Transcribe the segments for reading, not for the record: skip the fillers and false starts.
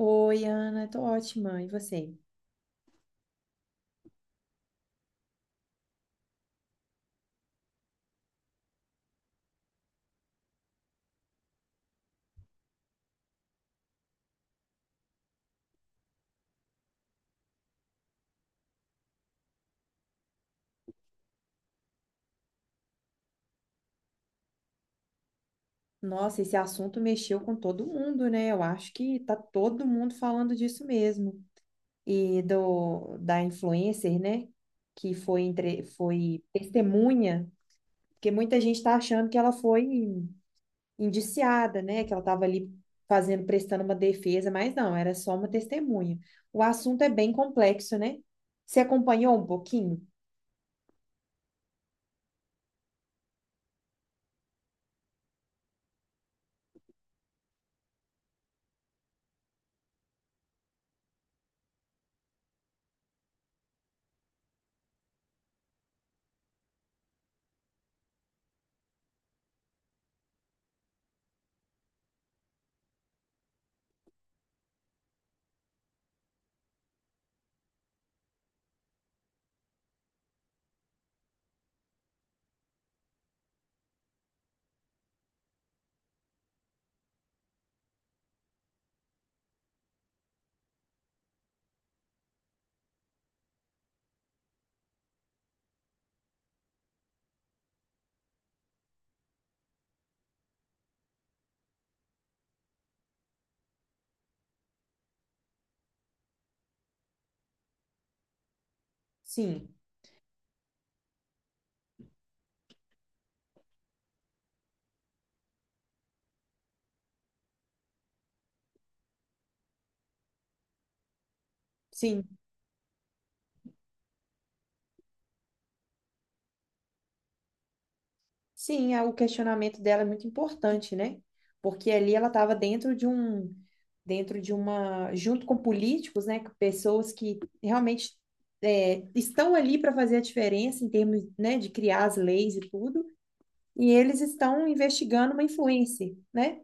Oi, Ana, tô ótima. E você? Nossa, esse assunto mexeu com todo mundo, né? Eu acho que tá todo mundo falando disso mesmo. E do da influencer, né? Que foi entre, foi testemunha, porque muita gente tá achando que ela foi indiciada, né? Que ela tava ali fazendo, prestando uma defesa, mas não, era só uma testemunha. O assunto é bem complexo, né? Você acompanhou um pouquinho? Sim, sim. O questionamento dela é muito importante, né? Porque ali ela estava dentro de um, dentro de uma, junto com políticos, né? Com pessoas que realmente estão ali para fazer a diferença em termos, né, de criar as leis e tudo, e eles estão investigando uma influência, né?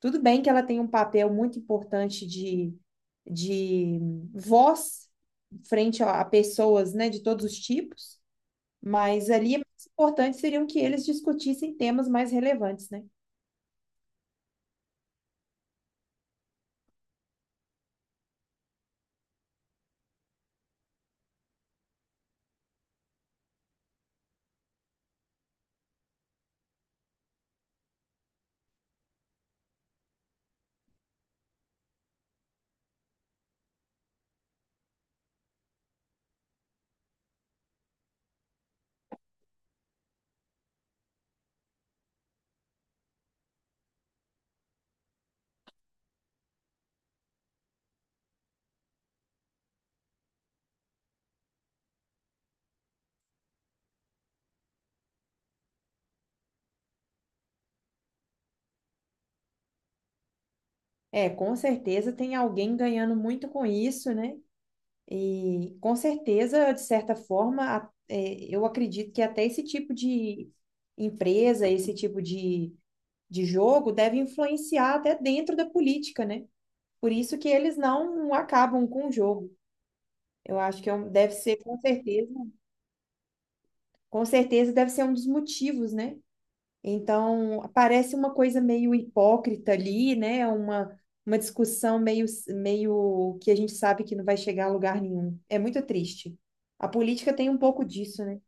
Tudo bem que ela tem um papel muito importante de voz frente a pessoas, né, de todos os tipos, mas ali, é mais importante seriam que eles discutissem temas mais relevantes, né? É, com certeza tem alguém ganhando muito com isso, né? E com certeza, de certa forma, eu acredito que até esse tipo de empresa, esse tipo de jogo deve influenciar até dentro da política, né? Por isso que eles não acabam com o jogo. Eu acho que deve ser, com certeza deve ser um dos motivos, né? Então, parece uma coisa meio hipócrita ali, né? Uma discussão meio, meio que a gente sabe que não vai chegar a lugar nenhum. É muito triste. A política tem um pouco disso, né?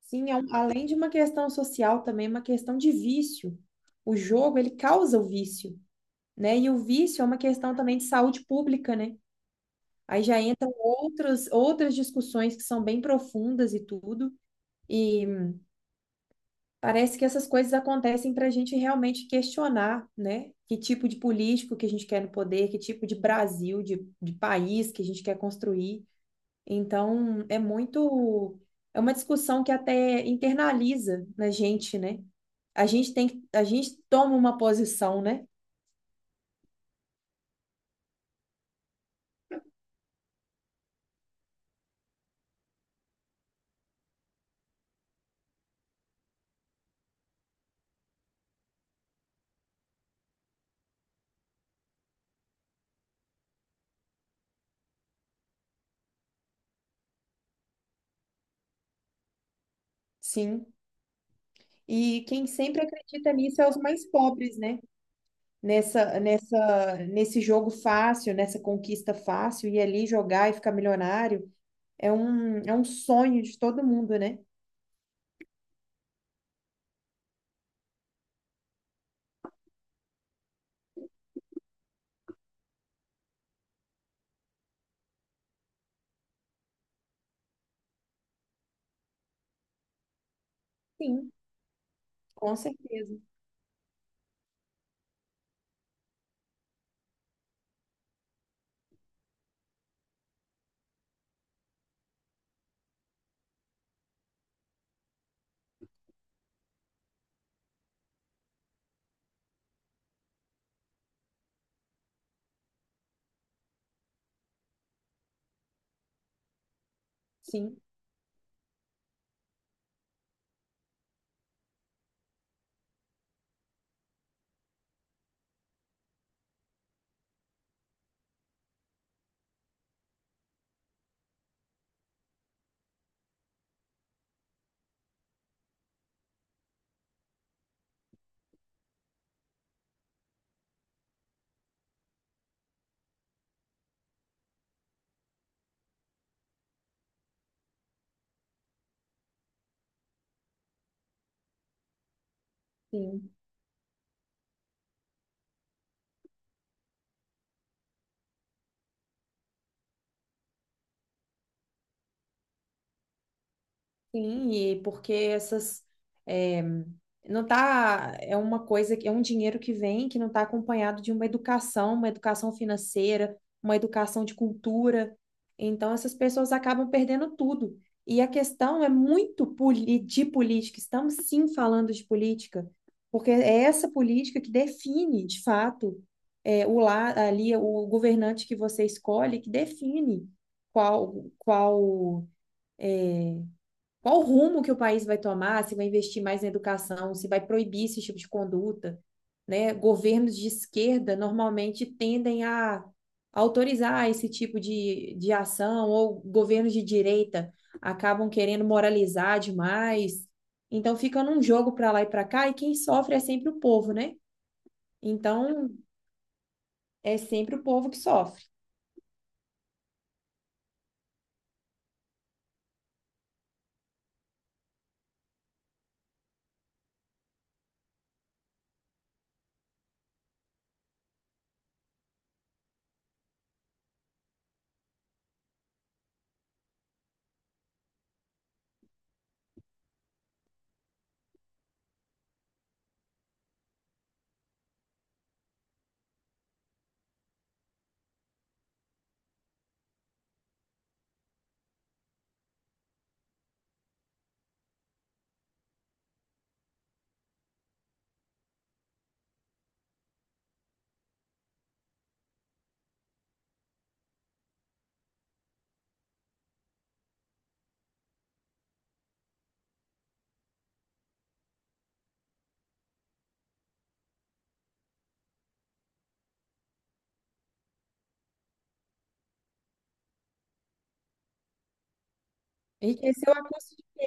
Sim, além de uma questão social, também é uma questão de vício. O jogo, ele causa o vício, né? E o vício é uma questão também de saúde pública, né? Aí já entram outras, outras discussões que são bem profundas e tudo. E parece que essas coisas acontecem para a gente realmente questionar, né? Que tipo de político que a gente quer no poder, que tipo de Brasil, de país que a gente quer construir. Então, é muito. É uma discussão que até internaliza na gente, né? A gente tem que, a gente toma uma posição, né? Sim. E quem sempre acredita nisso é os mais pobres, né? Nessa, nessa, nesse jogo fácil, nessa conquista fácil, e ali jogar e ficar milionário. É um sonho de todo mundo, né? Sim, com certeza. Sim, sim. Sim, e porque essas é, não tá é uma coisa que é um dinheiro que vem que não está acompanhado de uma educação financeira, uma educação de cultura. Então essas pessoas acabam perdendo tudo. E a questão é muito de política. Estamos sim falando de política, porque é essa política que define, de fato, é, o lá ali o governante que você escolhe, que define qual qual qual o rumo que o país vai tomar, se vai investir mais na educação, se vai proibir esse tipo de conduta, né? Governos de esquerda normalmente tendem a autorizar esse tipo de ação, ou governos de direita acabam querendo moralizar demais. Então fica num jogo para lá e para cá, e quem sofre é sempre o povo, né? Então é sempre o povo que sofre. Enriqueceu a custo de,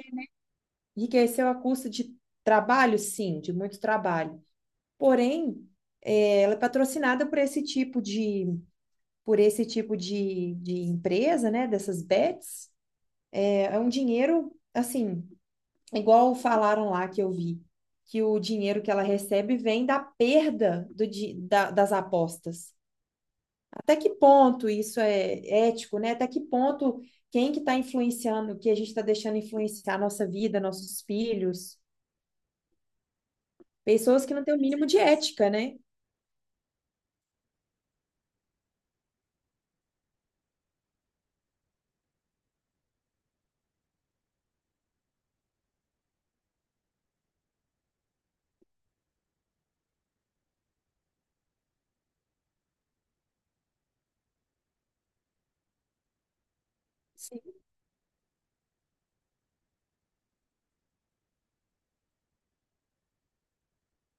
enriqueceu a custo de trabalho? Sim, de muito trabalho. Porém, é, ela é patrocinada por esse tipo de, por esse tipo de empresa, né? Dessas bets. É, é um dinheiro, assim, igual falaram lá que eu vi, que o dinheiro que ela recebe vem da perda das apostas. Até que ponto isso é ético, né? Até que ponto quem que está influenciando, que a gente está deixando influenciar a nossa vida, nossos filhos, pessoas que não têm o mínimo de ética, né?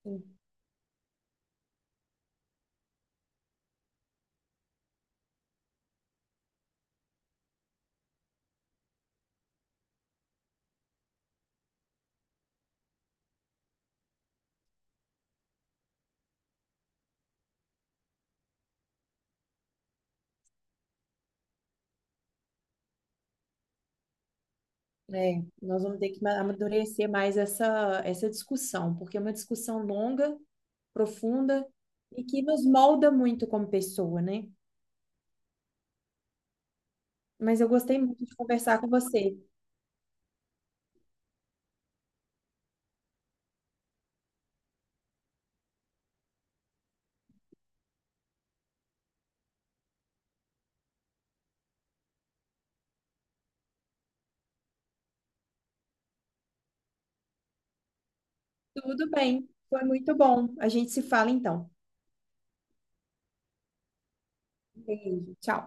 Sim. É, nós vamos ter que amadurecer mais essa, essa discussão, porque é uma discussão longa, profunda e que nos molda muito como pessoa, né? Mas eu gostei muito de conversar com você. Tudo bem, foi muito bom. A gente se fala então. Beijo, tchau.